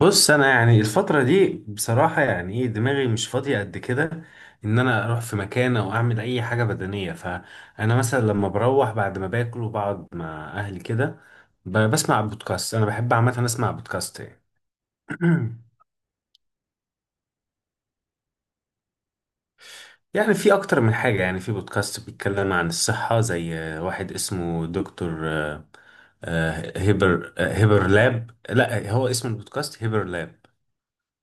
بص، انا يعني الفتره دي بصراحه يعني دماغي مش فاضيه قد كده ان انا اروح في مكان او اعمل اي حاجه بدنيه. فانا مثلا لما بروح بعد ما باكل وبقعد مع اهلي كده بسمع بودكاست. انا بحب عامه اسمع بودكاست يعني. يعني في اكتر من حاجه، يعني في بودكاست بيتكلم عن الصحه، زي واحد اسمه دكتور هيبر هيبر لاب. لا، هو اسم البودكاست هيبر لاب.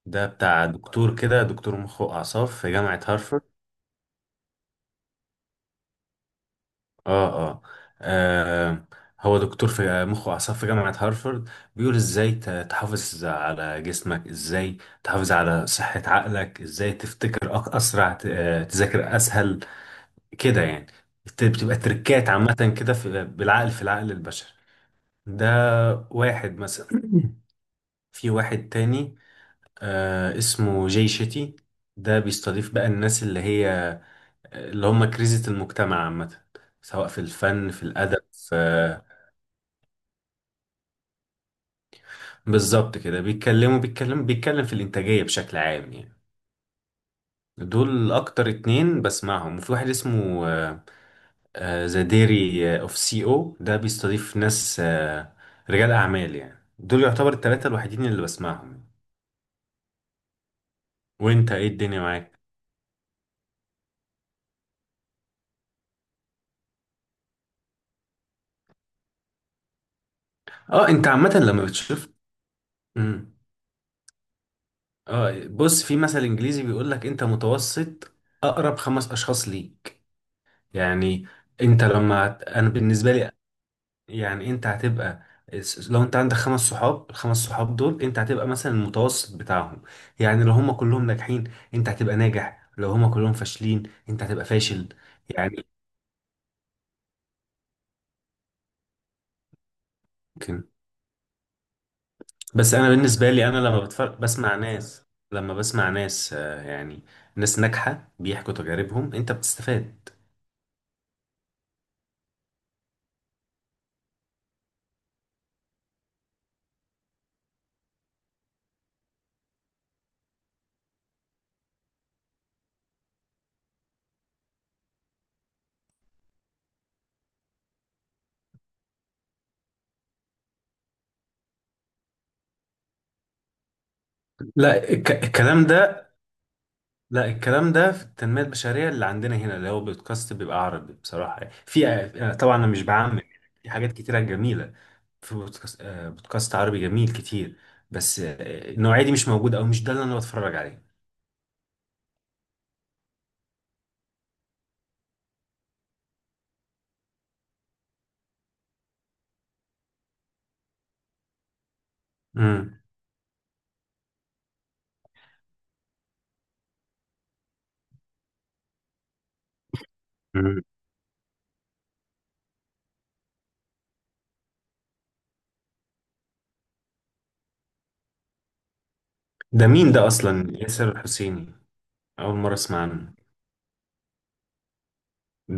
ده بتاع دكتور كده، دكتور مخ واعصاب في جامعه هارفارد. اه اه. آه، هو دكتور في مخ واعصاب في جامعة هارفارد. بيقول ازاي تحافظ على جسمك، ازاي تحافظ على صحة عقلك، ازاي تفتكر اسرع، تذاكر اسهل كده يعني. بتبقى تركات عامة كده في العقل البشري ده. واحد مثلا. في واحد تاني آه اسمه جاي شيتي. ده بيستضيف بقى الناس اللي هي، اللي هم كريزة المجتمع عامة، سواء في الفن في الأدب. بالظبط كده بيتكلم في الإنتاجية بشكل عام يعني. دول أكتر اتنين بسمعهم. وفي واحد اسمه ذا ديري اوف سي او، ده بيستضيف ناس رجال أعمال يعني. دول يعتبر التلاتة الوحيدين اللي بسمعهم. وانت ايه الدنيا معاك؟ اه انت عامة لما بتشوف. مم. اه بص، في مثل انجليزي بيقول لك انت متوسط اقرب خمس اشخاص ليك، يعني انت لما، انا بالنسبه لي يعني، انت هتبقى، لو انت عندك خمس صحاب، الخمس صحاب دول انت هتبقى مثلا المتوسط بتاعهم. يعني لو هم كلهم ناجحين انت هتبقى ناجح، لو هم كلهم فاشلين انت هتبقى فاشل. يعني ممكن. بس انا بالنسبة لي انا لما بتفرج، بسمع ناس، لما بسمع ناس يعني ناس ناجحة بيحكوا تجاربهم انت بتستفاد. لا الك- الكلام ده لا، الكلام ده في التنمية البشرية اللي عندنا هنا، اللي هو بودكاست بيبقى عربي بصراحة، في طبعا انا مش بعمم، في حاجات كتيرة جميلة، في بودكاست بودكاست عربي جميل كتير. بس النوعية دي مش موجودة، او مش ده اللي انا بتفرج عليه. امم. أمم. ده مين ده اصلا، ياسر الحسيني؟ اول مرة اسمع عنه.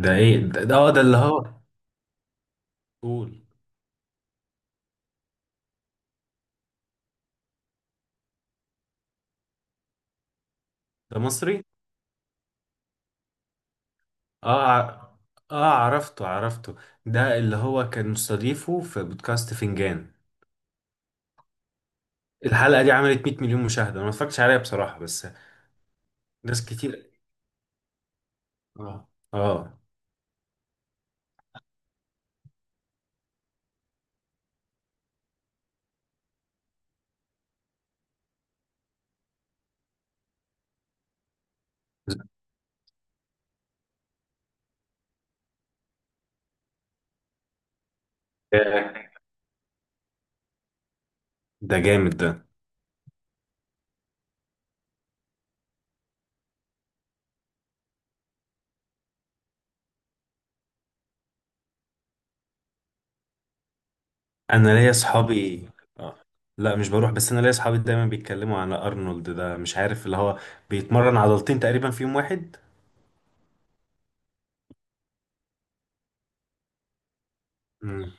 ده ايه ده اه ده اللي هو، قول. ده مصري؟ اه ع- اه عرفته عرفته. ده اللي هو كان مستضيفه في بودكاست فنجان. الحلقة دي عملت 100 مليون مشاهدة، انا ما اتفرجتش عليها بصراحة، بس ناس كتير. اه اه. ده ده جامد ده. انا ليا اصحابي. آه. لا مش بروح، بس انا ليا اصحابي دايما بيتكلموا على ارنولد ده، مش عارف اللي هو بيتمرن عضلتين تقريبا في يوم واحد. مم.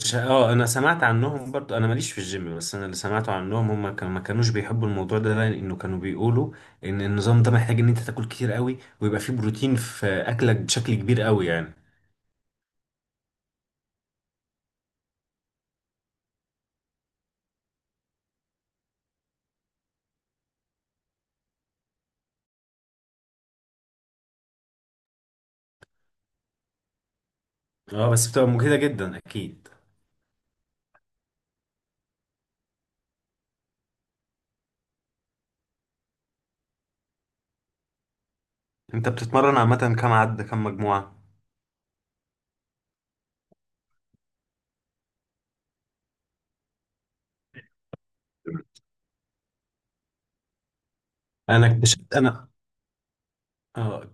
مش اه انا سمعت عنهم برضو، انا ماليش في الجيم، بس انا اللي سمعته عنهم هم كانوا ما كانوش بيحبوا الموضوع ده، لانه كانوا بيقولوا ان النظام ده محتاج ان انت تاكل كتير قوي ويبقى فيه بروتين في اكلك بشكل كبير قوي يعني. اه بس بتبقى مجهدة جدا اكيد. انت بتتمرن عامة كام عدة كام مجموعة؟ انا اكتشفت انا اه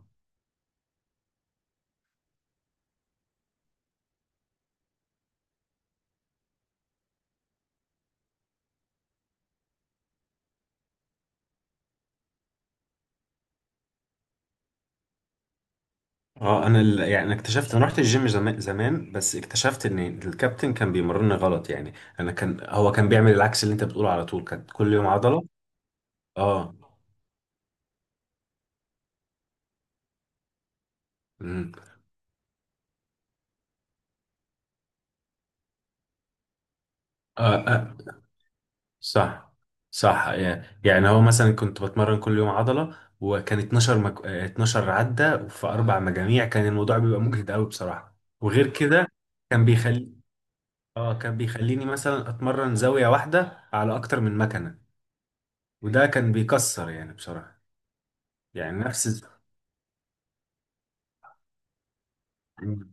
اه انا ال... يعني انا اكتشفت، انا رحت الجيم زمان زمان، بس اكتشفت ان الكابتن كان بيمرني غلط يعني. انا كان هو كان بيعمل العكس اللي انت بتقوله، على طول كانت كل يوم عضلة. اه. امم. آه, آه. صح. صح. يعني يعني هو مثلا كنت بتمرن كل يوم عضلة، وكان 12 مك... آه، 12 عدة في اربع مجاميع، كان الموضوع بيبقى مجهد قوي بصراحة. وغير كده كان بيخلي اه كان بيخليني مثلا اتمرن زاوية واحدة على اكتر من مكنة، وده كان بيكسر يعني بصراحة. يعني نفس مم.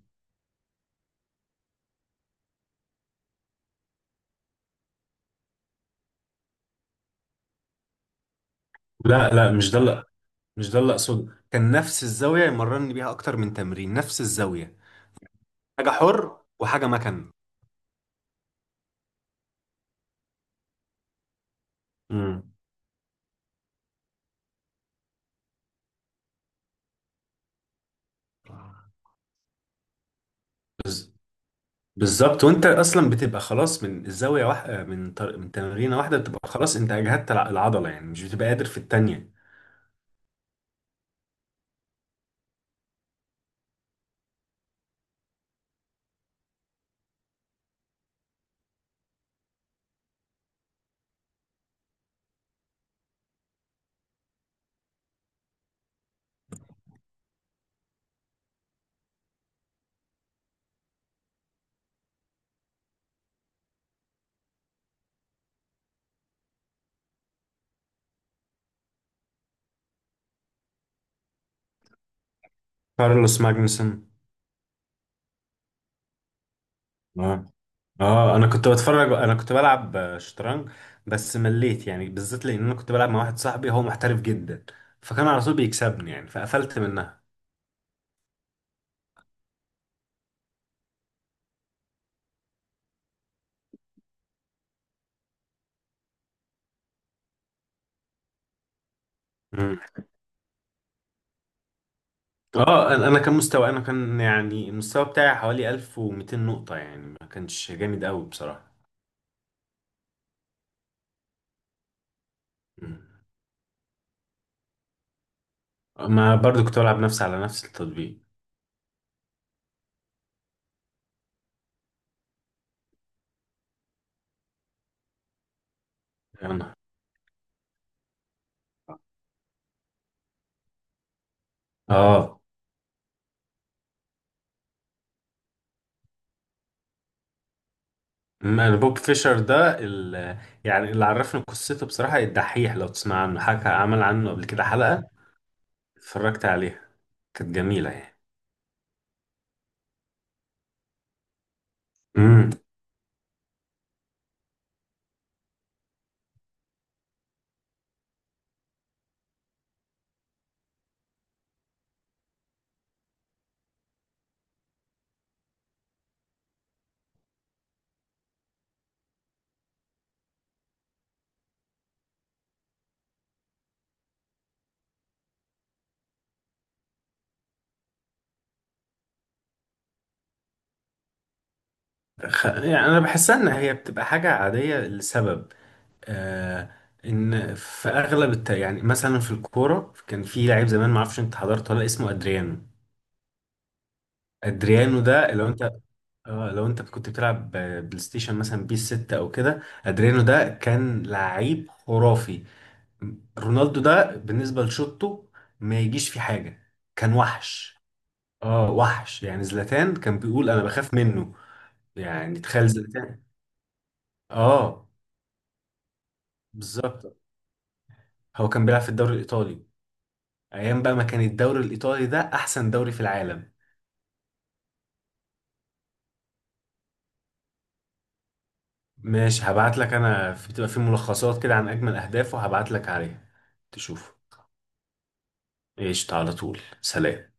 لا، مش ده اللي اقصده، كان نفس الزاويه يمرني بيها اكتر من تمرين، نفس الزاويه، حاجه حر وحاجه مكن. امم. بالظبط. وانت اصلا بتبقى خلاص من الزاويه واحده، من تمرينه واحده بتبقى خلاص، انت اجهدت العضله يعني، مش بتبقى قادر في التانيه. كارلوس ماجنسون. اه. اه انا كنت بتفرج، انا كنت بلعب شطرنج، بس مليت يعني، بالذات لان انا كنت بلعب مع واحد صاحبي هو محترف جدا، فكان على طول بيكسبني يعني، فقفلت منها. اه انا أنا كان مستوى انا كان يعني المستوى بتاعي حوالي 1200 نقطة يعني، ما كانش جامد قوي بصراحة. مم. ما برضو كنت بلعب نفسي على نفس التطبيق. انا اه أما انا بوب فيشر ده يعني اللي عرفني قصته بصراحة الدحيح، لو تسمع عنه، حكى عمل عنه قبل كده حلقة، اتفرجت عليها، كانت جميلة يعني. امم. يعني انا بحسها ان هي بتبقى حاجة عادية لسبب، آه، ان في اغلب يعني مثلا في الكوره كان في لعيب زمان، ما اعرفش انت حضرته ولا، اسمه ادريانو. ادريانو ده لو انت اه لو انت كنت بتلعب بلاي ستيشن مثلا بيس 6 او كده، ادريانو ده كان لعيب خرافي، رونالدو ده بالنسبه لشوطه ما يجيش في حاجه، كان وحش. اه وحش يعني، زلاتان كان بيقول انا بخاف منه. يعني تخيل زلاتان. اه بالظبط. هو كان بيلعب في الدوري الايطالي، ايام بقى ما كان الدوري الايطالي ده احسن دوري في العالم. ماشي هبعت لك، انا في بتبقى في ملخصات كده عن اجمل اهدافه هبعت لك عليها تشوفه. قشطة، على طول، سلام.